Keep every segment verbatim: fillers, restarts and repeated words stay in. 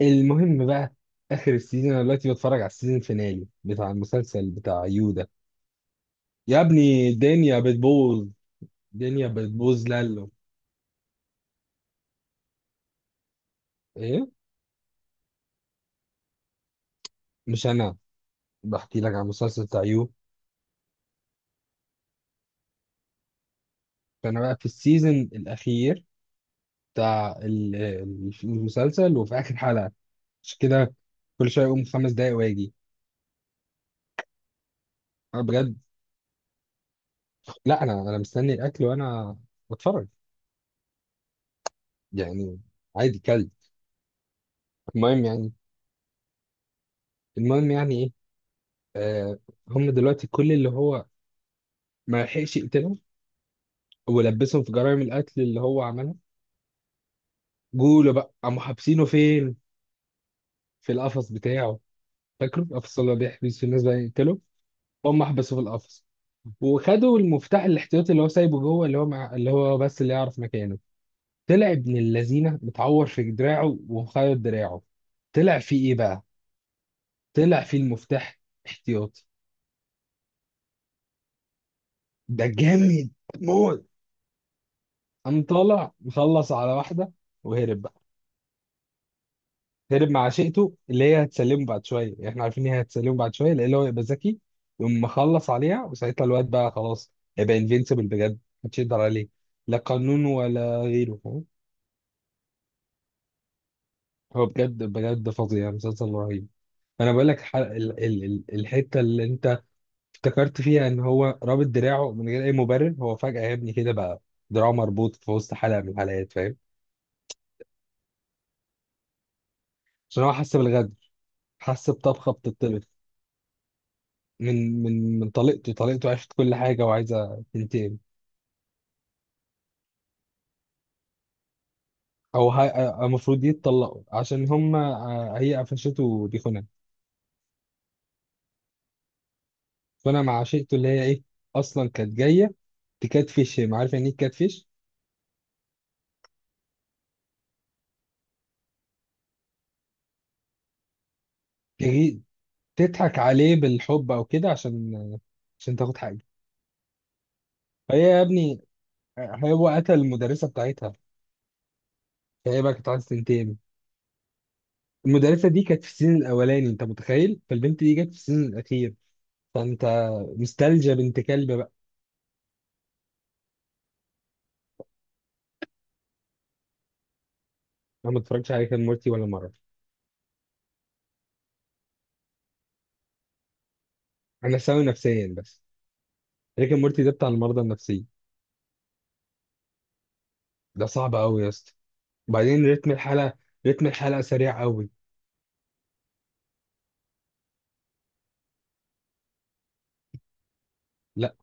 المهم بقى، اخر السيزون. انا دلوقتي بتفرج على السيزون الفينالي بتاع المسلسل بتاع يودا. يا ابني الدنيا بتبوظ، الدنيا بتبوظ لالو. ايه؟ مش انا، بحكي لك على المسلسل بتاع يو. فانا بقى في السيزون الاخير بتاع ال- ال- المسلسل وفي اخر حلقه، مش كده، كل شويه اقوم خمس دقايق واجي. انا بجد، لا انا انا مستني الاكل وانا بتفرج، يعني عادي كلب. المهم يعني، المهم يعني ايه آه هم دلوقتي كل اللي هو ما لحقش يقتلهم ولبسهم في جرائم القتل اللي هو عملها، جوله بقى قاموا حابسينه فين؟ في القفص بتاعه، فاكره القفص اللي هو بيحبس في الناس بقى يقتله. هم حبسوه في القفص وخدوا المفتاح الاحتياطي اللي هو سايبه جوه اللي هو مع، اللي هو بس اللي يعرف مكانه. طلع ابن اللذينه متعور في دراعه ومخيط دراعه. طلع فيه ايه بقى؟ طلع فيه المفتاح احتياطي. ده جامد موت. قام طالع مخلص على واحده وهرب بقى. هرب مع عشيقته اللي هي هتسلمه بعد شويه، احنا عارفين ان هي هتسلمه بعد شويه لان هو يبقى ذكي يقوم مخلص عليها، وساعتها الواد بقى خلاص هيبقى انفينسيبل بجد، محدش يقدر عليه، لا قانون ولا غيره، فاهم؟ هو بجد بجد فظيع، مسلسل رهيب. انا بقول لك الح- ال- ال- ال- الحته اللي انت افتكرت فيها ان هو رابط دراعه من غير اي مبرر، هو فجاه يا ابني كده بقى دراعه مربوط في وسط حلقه من الحلقات، فاهم؟ عشان هو حس بالغدر، حس بطبخه بتطبخ من من من طليقته. طليقته عرفت كل حاجه وعايزه تنتقم. او هي- المفروض يتطلقوا عشان هم آه، هي قفشته، دي خناقه. فانا مع عشيقته اللي هي ايه، اصلا كانت جايه تكاتفش، ما عارف يعني ايه تكاتفش، تجي تضحك عليه بالحب او كده، عشان عشان تاخد حاجه. فهي يا ابني، آه، هو قتل المدرسه بتاعتها، فهي بقى كانت عايزه تنتقم. المدرسه دي كانت في السيزون الاولاني، انت متخيل؟ فالبنت دي جت في السيزون الاخير، فانت مستلجه بنت كلب بقى. انا ما اتفرجتش على ريك اند مورتي ولا مره. انا سوي نفسيا بس، ريك اند مورتي ده بتاع المرضى النفسيه، ده صعب قوي يا اسطى. وبعدين رتم الحلقه، رتم الحلقه سريع قوي. لا،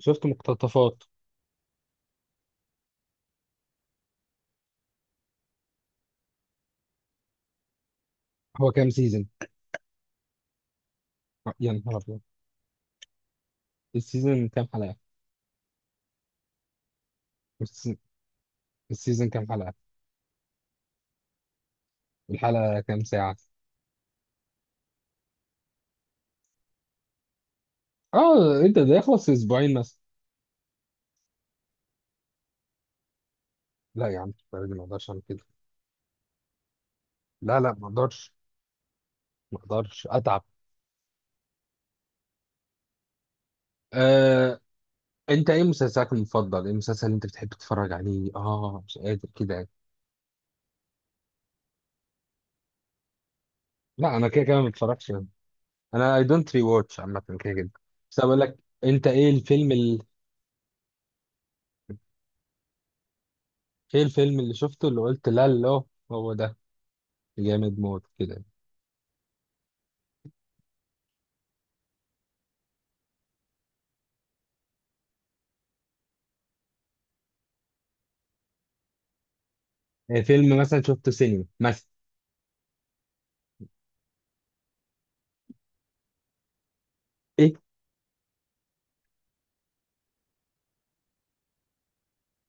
شفت مقتطفات. هو كام سيزون؟ آه، يا نهار ابيض. السيزون كام حلقه؟ السيزون السيزون كام حلقه؟ الحلقه كام ساعه؟ اه انت ده يخلص في اسبوعين مثلا؟ لا يا عم لا، ما اقدرش اعمل كده. لا لا ما اقدرش، ما اقدرش اتعب. آه. انت ايه مسلسلك المفضل؟ ايه المسلسل اللي انت بتحب تتفرج عليه؟ اه مش قادر كده يعني. لا انا كده كده ما بتفرجش، انا اي دونت ري واتش عامه كده كده. بس أنا بقول لك، انت ايه الفيلم، ايه الفيلم اللي شفته اللي قلت لا لا هو ده، جامد موت كده؟ ايه فيلم مثلا شفته سينما مثلا؟ ايه؟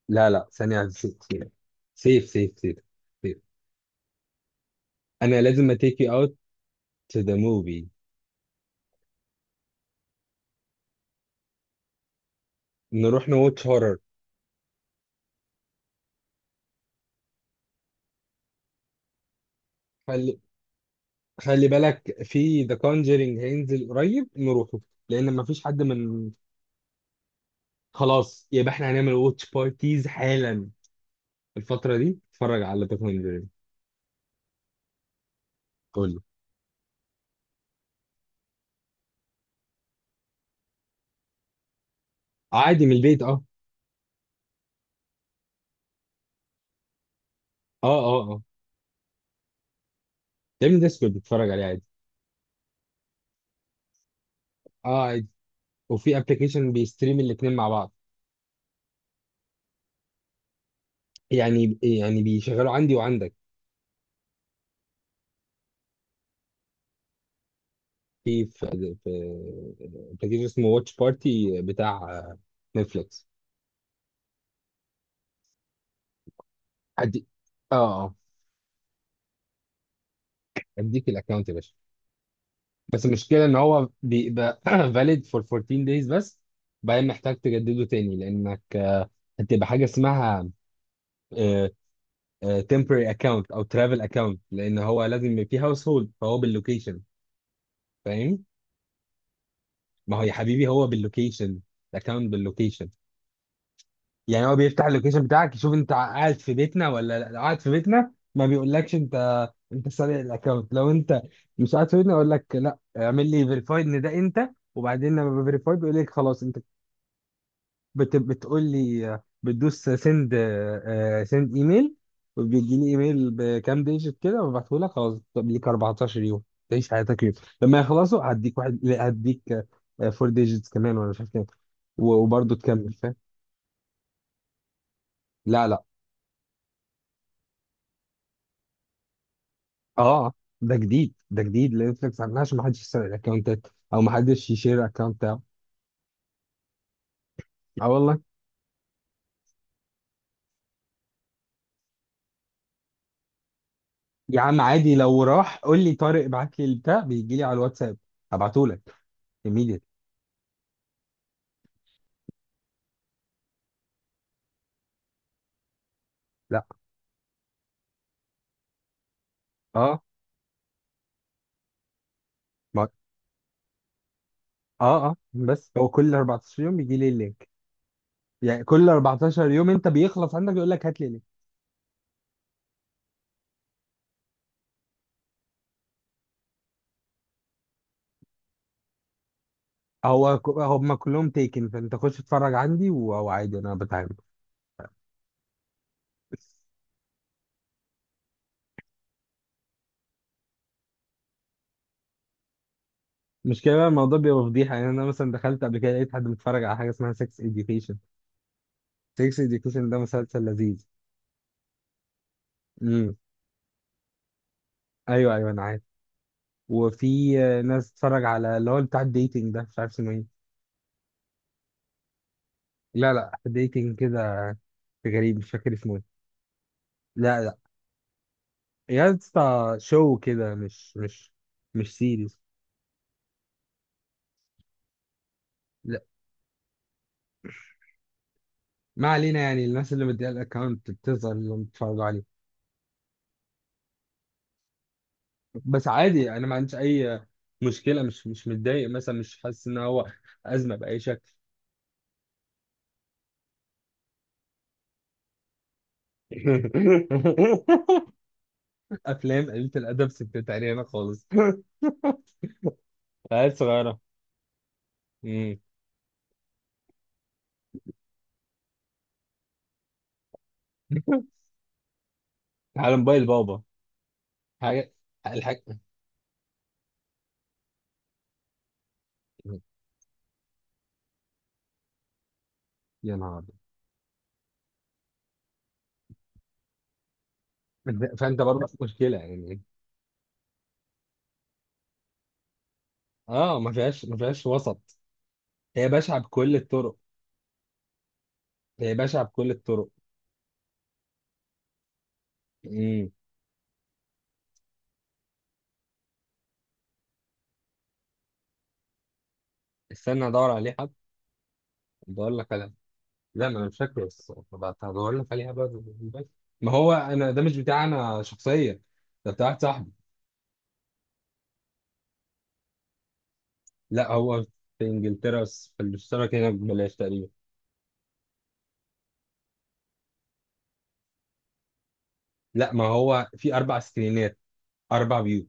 لا لا ثانية واحدة، سيف، سيف سيف سيف سيف، سيف. انا لازم اتيك يو اوت تو ذا موفي. نروح نواتش هورر. خلي خلي بالك في ذا كونجرينج هينزل قريب، نروحه لان مفيش حد من، خلاص يبقى احنا هنعمل واتش بارتيز حالا الفترة دي، اتفرج على ذا كونجرينج. قول لي. عادي من البيت، اه اه اه اه يا ابني ده اسود بتتفرج عليه عادي. اه عادي، وفي ابلكيشن بيستريم الاثنين مع بعض. يعني يعني بيشغلوا عندي وعندك. في في في ابلكيشن اسمه واتش بارتي بتاع نتفليكس. ادي، اه اه، اديك الاكونت يا باشا. بس المشكله ان هو بيبقى valid for فورتين days بس، بعدين محتاج تجدده تاني لانك آه، هتبقى حاجه اسمها آه، آه، temporary account او travel account، لان هو لازم يبقى فيه هاوس هولد فهو باللوكيشن، فاهم؟ ما هو يا حبيبي هو باللوكيشن، الاكونت باللوكيشن. يعني هو بيفتح اللوكيشن بتاعك يشوف انت قاعد في بيتنا ولا لا. لو قاعد في بيتنا ما بيقولكش انت، انت سارق الاكونت. لو انت مش قاعد في بيتنا يقول لك لا اعمل لي فيريفاي ان ده انت، وبعدين لما بفيريفاي بيقول لك خلاص انت. بت... بتقول لي بتدوس سند، سند ايميل، وبيجي لي ايميل بكام ديجيت كده وببعته لك خلاص. طب ليك اربعة عشر يوم تعيش حياتك يوم، لما يخلصوا هديك واحد، لا، هديك فور ديجيتس كمان ولا مش عارف كام، وبرضه تكمل، فاهم؟ لا لا. اه ده جديد، ده جديد لنتفليكس عاملها عشان ما حدش يسرق الاكونتات او ما حدش يشير اكونت بتاعه. اه والله. يا عم عادي لو راح قول لي طارق ابعت لي البتاع، بيجي لي على الواتساب هبعته لك immediately. لا. اه ما اه اه بس هو كل اربعة عشر يوم بيجي لي اللينك، يعني كل اربعتاشر يوم انت بيخلص عندك يقول لك هات لي لينك. هو ك- هم كلهم تيكن، فانت خش اتفرج عندي و- وعادي انا بتعامل. مش كده بقى، الموضوع بيبقى فضيحه يعني. انا مثلا دخلت قبل كده لقيت حد بيتفرج على حاجه اسمها سكس education. سكس اديوكيشن ده مسلسل لذيذ. امم، ايوه ايوه انا عارف. وفي آه، ناس تتفرج على اللي هو بتاع الديتنج ده، مش عارف اسمه ايه. لا لا، ديتنج كده غريب، مش فاكر اسمه ايه. لا لا، يا اسطى شو كده، مش مش مش سيريز. لا ما علينا، يعني الناس اللي مديها الاكونت بتظهر اللي بيتفرجوا عليه. بس عادي انا ما عنديش اي مشكله، مش مش متضايق مثلا، مش حاسس ان هو ازمه باي شكل. افلام قليله الادب، ستات علينا خالص. عيال صغيره. مم. على موبايل بابا. حاجه الحاجه. يا نهار أبيض. فانت برضه في مشكله يعني. اه ما فيهاش، ما فيهاش وسط، هي بشعه بكل الطرق، هي بشعه بكل الطرق. امم. استنى ادور عليه حد. بقول لك على، لا ما انا مش فاكره، بس هدور لك عليها بقى بالموبايل. ما هو انا ده مش بتاع انا شخصيا، ده بتاع واحد صاحبي. لا هو في انجلترا بس، في الاشتراك هنا ببلاش تقريبا. لا ما هو في اربع سكرينات، اربع فيو.